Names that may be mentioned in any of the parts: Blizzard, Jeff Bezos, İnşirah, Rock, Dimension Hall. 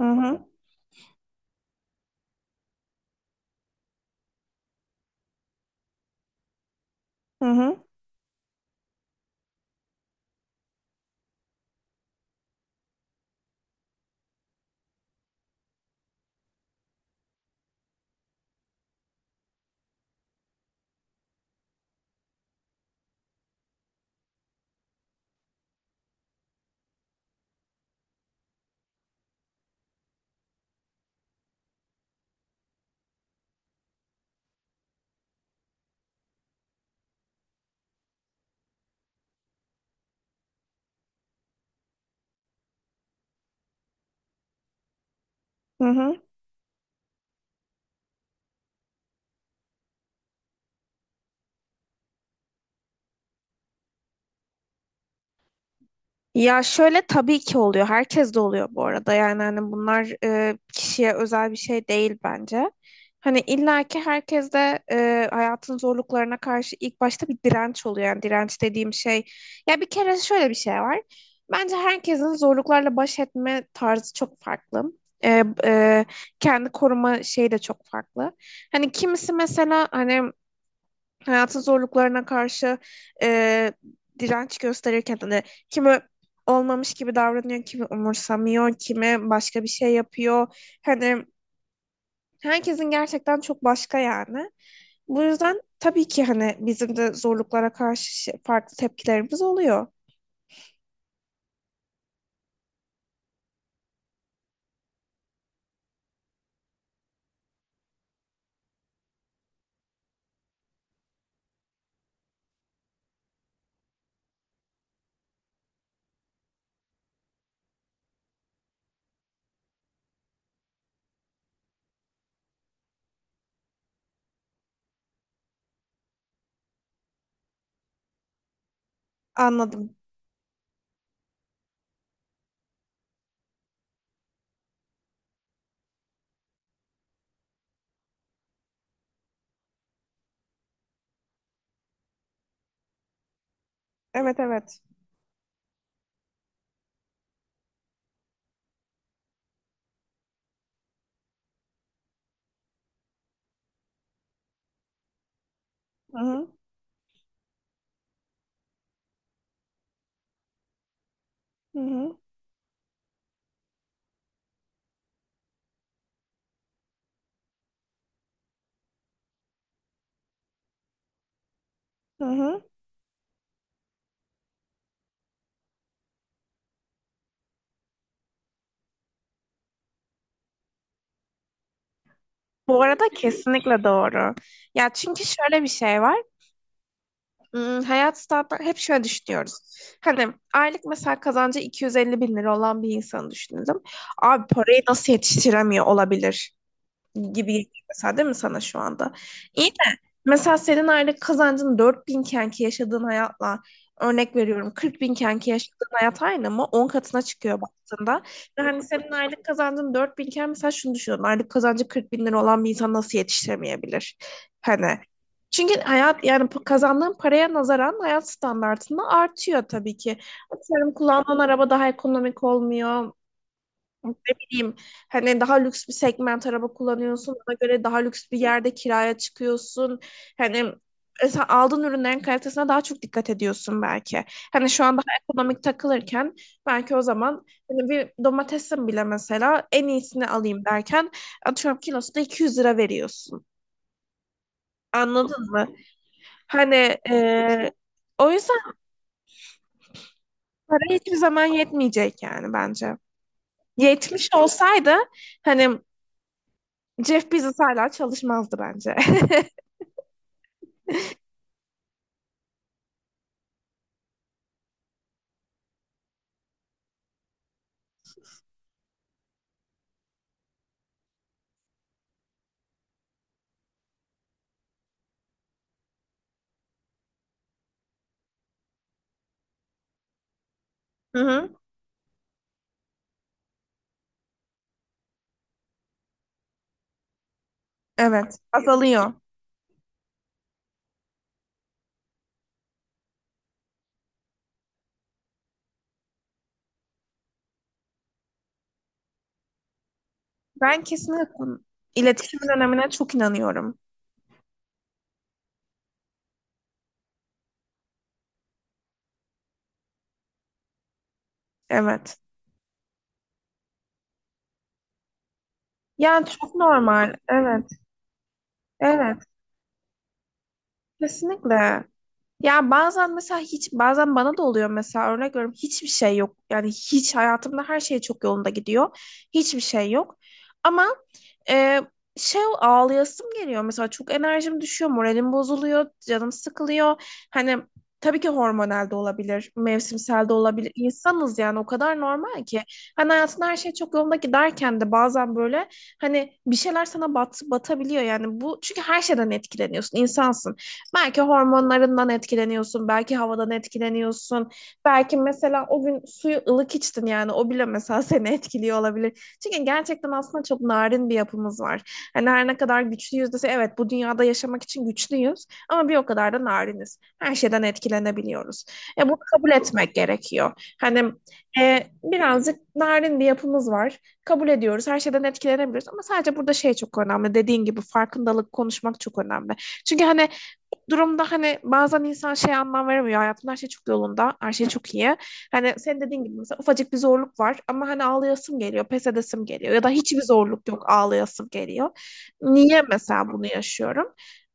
Hı hı, hı hı, hı hı. Ya şöyle tabii ki oluyor. Herkes de oluyor bu arada. Yani hani bunlar kişiye özel bir şey değil bence. Hani illaki herkes de hayatın zorluklarına karşı ilk başta bir direnç oluyor. Yani direnç dediğim şey. Ya bir kere şöyle bir şey var. Bence herkesin zorluklarla baş etme tarzı çok farklı. E, e, kendi koruma şeyi de çok farklı. Hani kimisi mesela hani hayatın zorluklarına karşı e, direnç gösterirken hani kimi olmamış gibi davranıyor, kimi umursamıyor, kimi başka bir şey yapıyor. Hani herkesin gerçekten çok başka yani. Bu yüzden tabii ki hani bizim de zorluklara karşı farklı tepkilerimiz oluyor. Anladım. Evet, evet. Hı hı. Hı hı. Hı hı. Bu arada kesinlikle doğru. Ya çünkü şöyle bir şey var. Hmm, hayat standartları hep şöyle düşünüyoruz. Hani aylık mesela kazancı 250 bin lira olan bir insanı düşünelim. Abi parayı nasıl yetiştiremiyor olabilir gibi geliyor mesela, değil mi sana şu anda? İyi de mesela senin aylık kazancın 4000 kenki yaşadığın hayatla, örnek veriyorum, 40 bin kenki yaşadığın hayat aynı mı? 10 katına çıkıyor baktığında. Ve hani senin aylık kazancın 4000 iken mesela şunu düşünüyorum. Aylık kazancı 40 bin lira olan bir insan nasıl yetiştiremeyebilir? Hani çünkü hayat, yani kazandığın paraya nazaran hayat standartında artıyor tabii ki. Atıyorum kullandığın araba daha ekonomik olmuyor, ne bileyim, hani daha lüks bir segment araba kullanıyorsun, ona göre daha lüks bir yerde kiraya çıkıyorsun, hani sen aldığın ürünlerin kalitesine daha çok dikkat ediyorsun belki. Hani şu an daha ekonomik takılırken belki o zaman hani bir domatesin bile mesela en iyisini alayım derken atıyorum kilosuna 200 lira veriyorsun. Anladın mı? Hani e, o yüzden para hiçbir zaman yetmeyecek yani bence. Yetmiş olsaydı hani Jeff Bezos hala çalışmazdı bence. Hı hı. Evet, azalıyor. Ben kesinlikle iletişimin önemine çok inanıyorum. Evet. Yani çok normal. Evet, evet. Kesinlikle. Ya bazen mesela hiç, bazen bana da oluyor, mesela örnek veriyorum hiçbir şey yok. Yani hiç, hayatımda her şey çok yolunda gidiyor. Hiçbir şey yok. Ama ee, şey, ağlayasım geliyor mesela, çok enerjim düşüyor, moralim bozuluyor, canım sıkılıyor. Hani tabii ki hormonal de olabilir, mevsimsel de olabilir. İnsanız yani, o kadar normal ki. Hani hayatında her şey çok yolunda giderken de bazen böyle hani bir şeyler sana batabiliyor yani. Bu çünkü her şeyden etkileniyorsun, insansın. Belki hormonlarından etkileniyorsun, belki havadan etkileniyorsun. Belki mesela o gün suyu ılık içtin, yani o bile mesela seni etkiliyor olabilir. Çünkü gerçekten aslında çok narin bir yapımız var. Hani her ne kadar güçlüyüz dese, evet, bu dünyada yaşamak için güçlüyüz ama bir o kadar da nariniz. Her şeyden etkilenebiliyoruz. Bunu kabul etmek gerekiyor. Hani birazcık narin bir yapımız var. Kabul ediyoruz. Her şeyden etkilenebiliyoruz ama sadece burada şey çok önemli. Dediğin gibi farkındalık, konuşmak çok önemli. Çünkü hani durumda hani bazen insan şey, anlam veremiyor. Hayatımda her şey çok yolunda, her şey çok iyi. Hani sen dediğin gibi mesela ufacık bir zorluk var ama hani ağlayasım geliyor, pes edesim geliyor ya da hiçbir zorluk yok, ağlayasım geliyor. Niye mesela bunu yaşıyorum?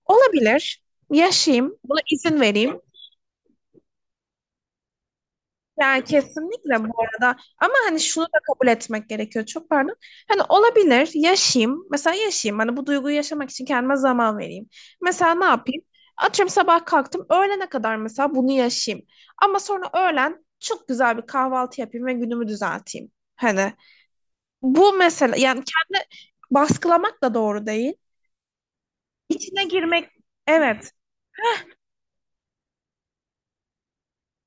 Olabilir. Yaşayayım, buna izin vereyim. Yani kesinlikle bu arada, ama hani şunu da kabul etmek gerekiyor çok, pardon. Hani olabilir, yaşayayım mesela, yaşayayım hani bu duyguyu yaşamak için kendime zaman vereyim. Mesela ne yapayım? Atıyorum sabah kalktım, öğlene kadar mesela bunu yaşayayım. Ama sonra öğlen çok güzel bir kahvaltı yapayım ve günümü düzelteyim. Hani bu mesela, yani kendi baskılamak da doğru değil. İçine girmek, evet.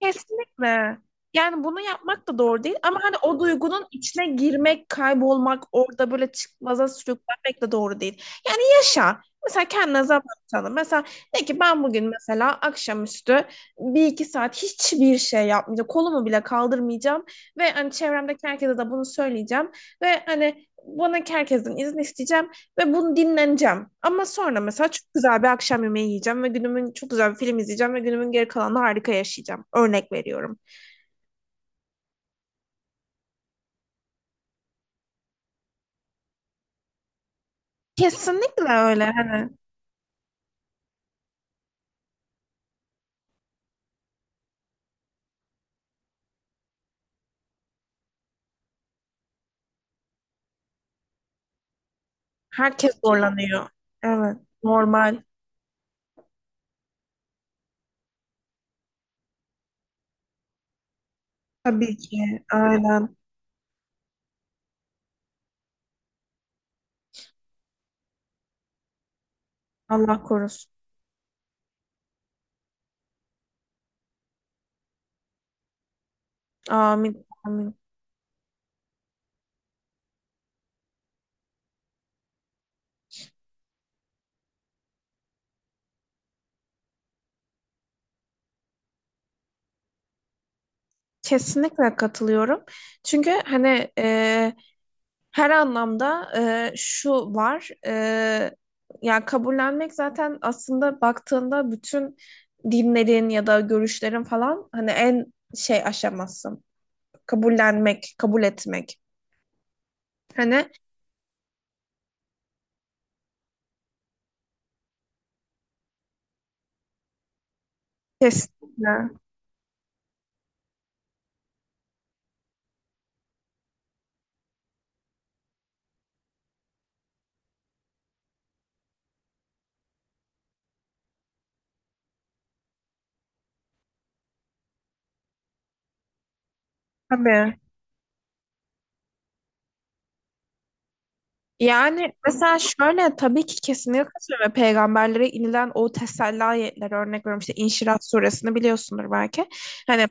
Kesinlikle. Yani bunu yapmak da doğru değil ama hani o duygunun içine girmek, kaybolmak, orada böyle çıkmaza sürüklenmek de doğru değil. Yani yaşa. Mesela kendine zaman tanı. Mesela de ki ben bugün mesela akşamüstü bir iki saat hiçbir şey yapmayacağım. Kolumu bile kaldırmayacağım ve hani çevremdeki herkese de bunu söyleyeceğim ve hani bana herkesten izin isteyeceğim. Ve bunu dinleneceğim. Ama sonra mesela çok güzel bir akşam yemeği yiyeceğim ve günümün çok güzel bir film izleyeceğim ve günümün geri kalanını harika yaşayacağım. Örnek veriyorum. Kesinlikle öyle. Hani herkes zorlanıyor. Evet, normal. Tabii ki. Aynen. Allah korusun. Amin. Amin. Kesinlikle katılıyorum. Çünkü hani her anlamda şu var. Yani kabullenmek zaten aslında baktığında bütün dinlerin ya da görüşlerin falan hani en şey aşaması. Kabullenmek, kabul etmek. Hani kesinlikle. Tabii. Yani mesela şöyle, tabii ki kesinlikle katılıyorum. Ve peygamberlere inilen o teselli ayetleri, örnek veriyorum. İşte İnşirah suresini biliyorsundur belki. Hani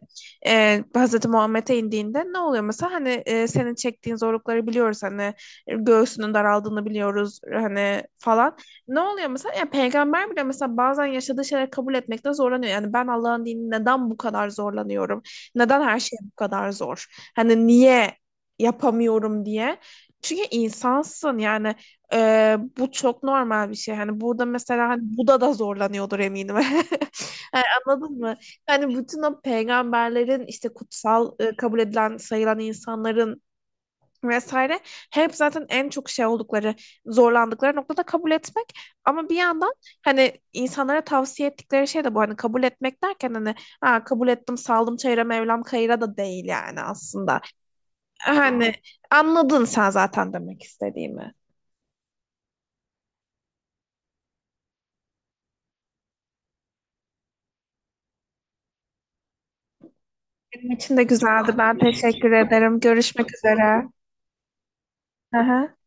Hazreti Muhammed'e indiğinde ne oluyor mesela? Hani senin çektiğin zorlukları biliyoruz. Hani göğsünün daraldığını biliyoruz. Hani falan. Ne oluyor mesela? Ya peygamber bile mesela bazen yaşadığı şeyleri kabul etmekte zorlanıyor. Yani ben Allah'ın dinini neden bu kadar zorlanıyorum? Neden her şey bu kadar zor? Hani niye yapamıyorum diye. Çünkü insansın yani, bu çok normal bir şey. Hani burada mesela hani Buda da zorlanıyordur eminim. Yani anladın mı? Hani bütün o peygamberlerin işte kutsal, kabul edilen, sayılan insanların vesaire, hep zaten en çok şey oldukları, zorlandıkları noktada kabul etmek ama bir yandan hani insanlara tavsiye ettikleri şey de bu, hani kabul etmek derken, hani ha, kabul ettim saldım çayıra Mevlam kayıra da değil yani aslında. Hani anladın sen zaten demek istediğimi. Benim için de güzeldi. Ben teşekkür ederim. Görüşmek üzere. Hı hı.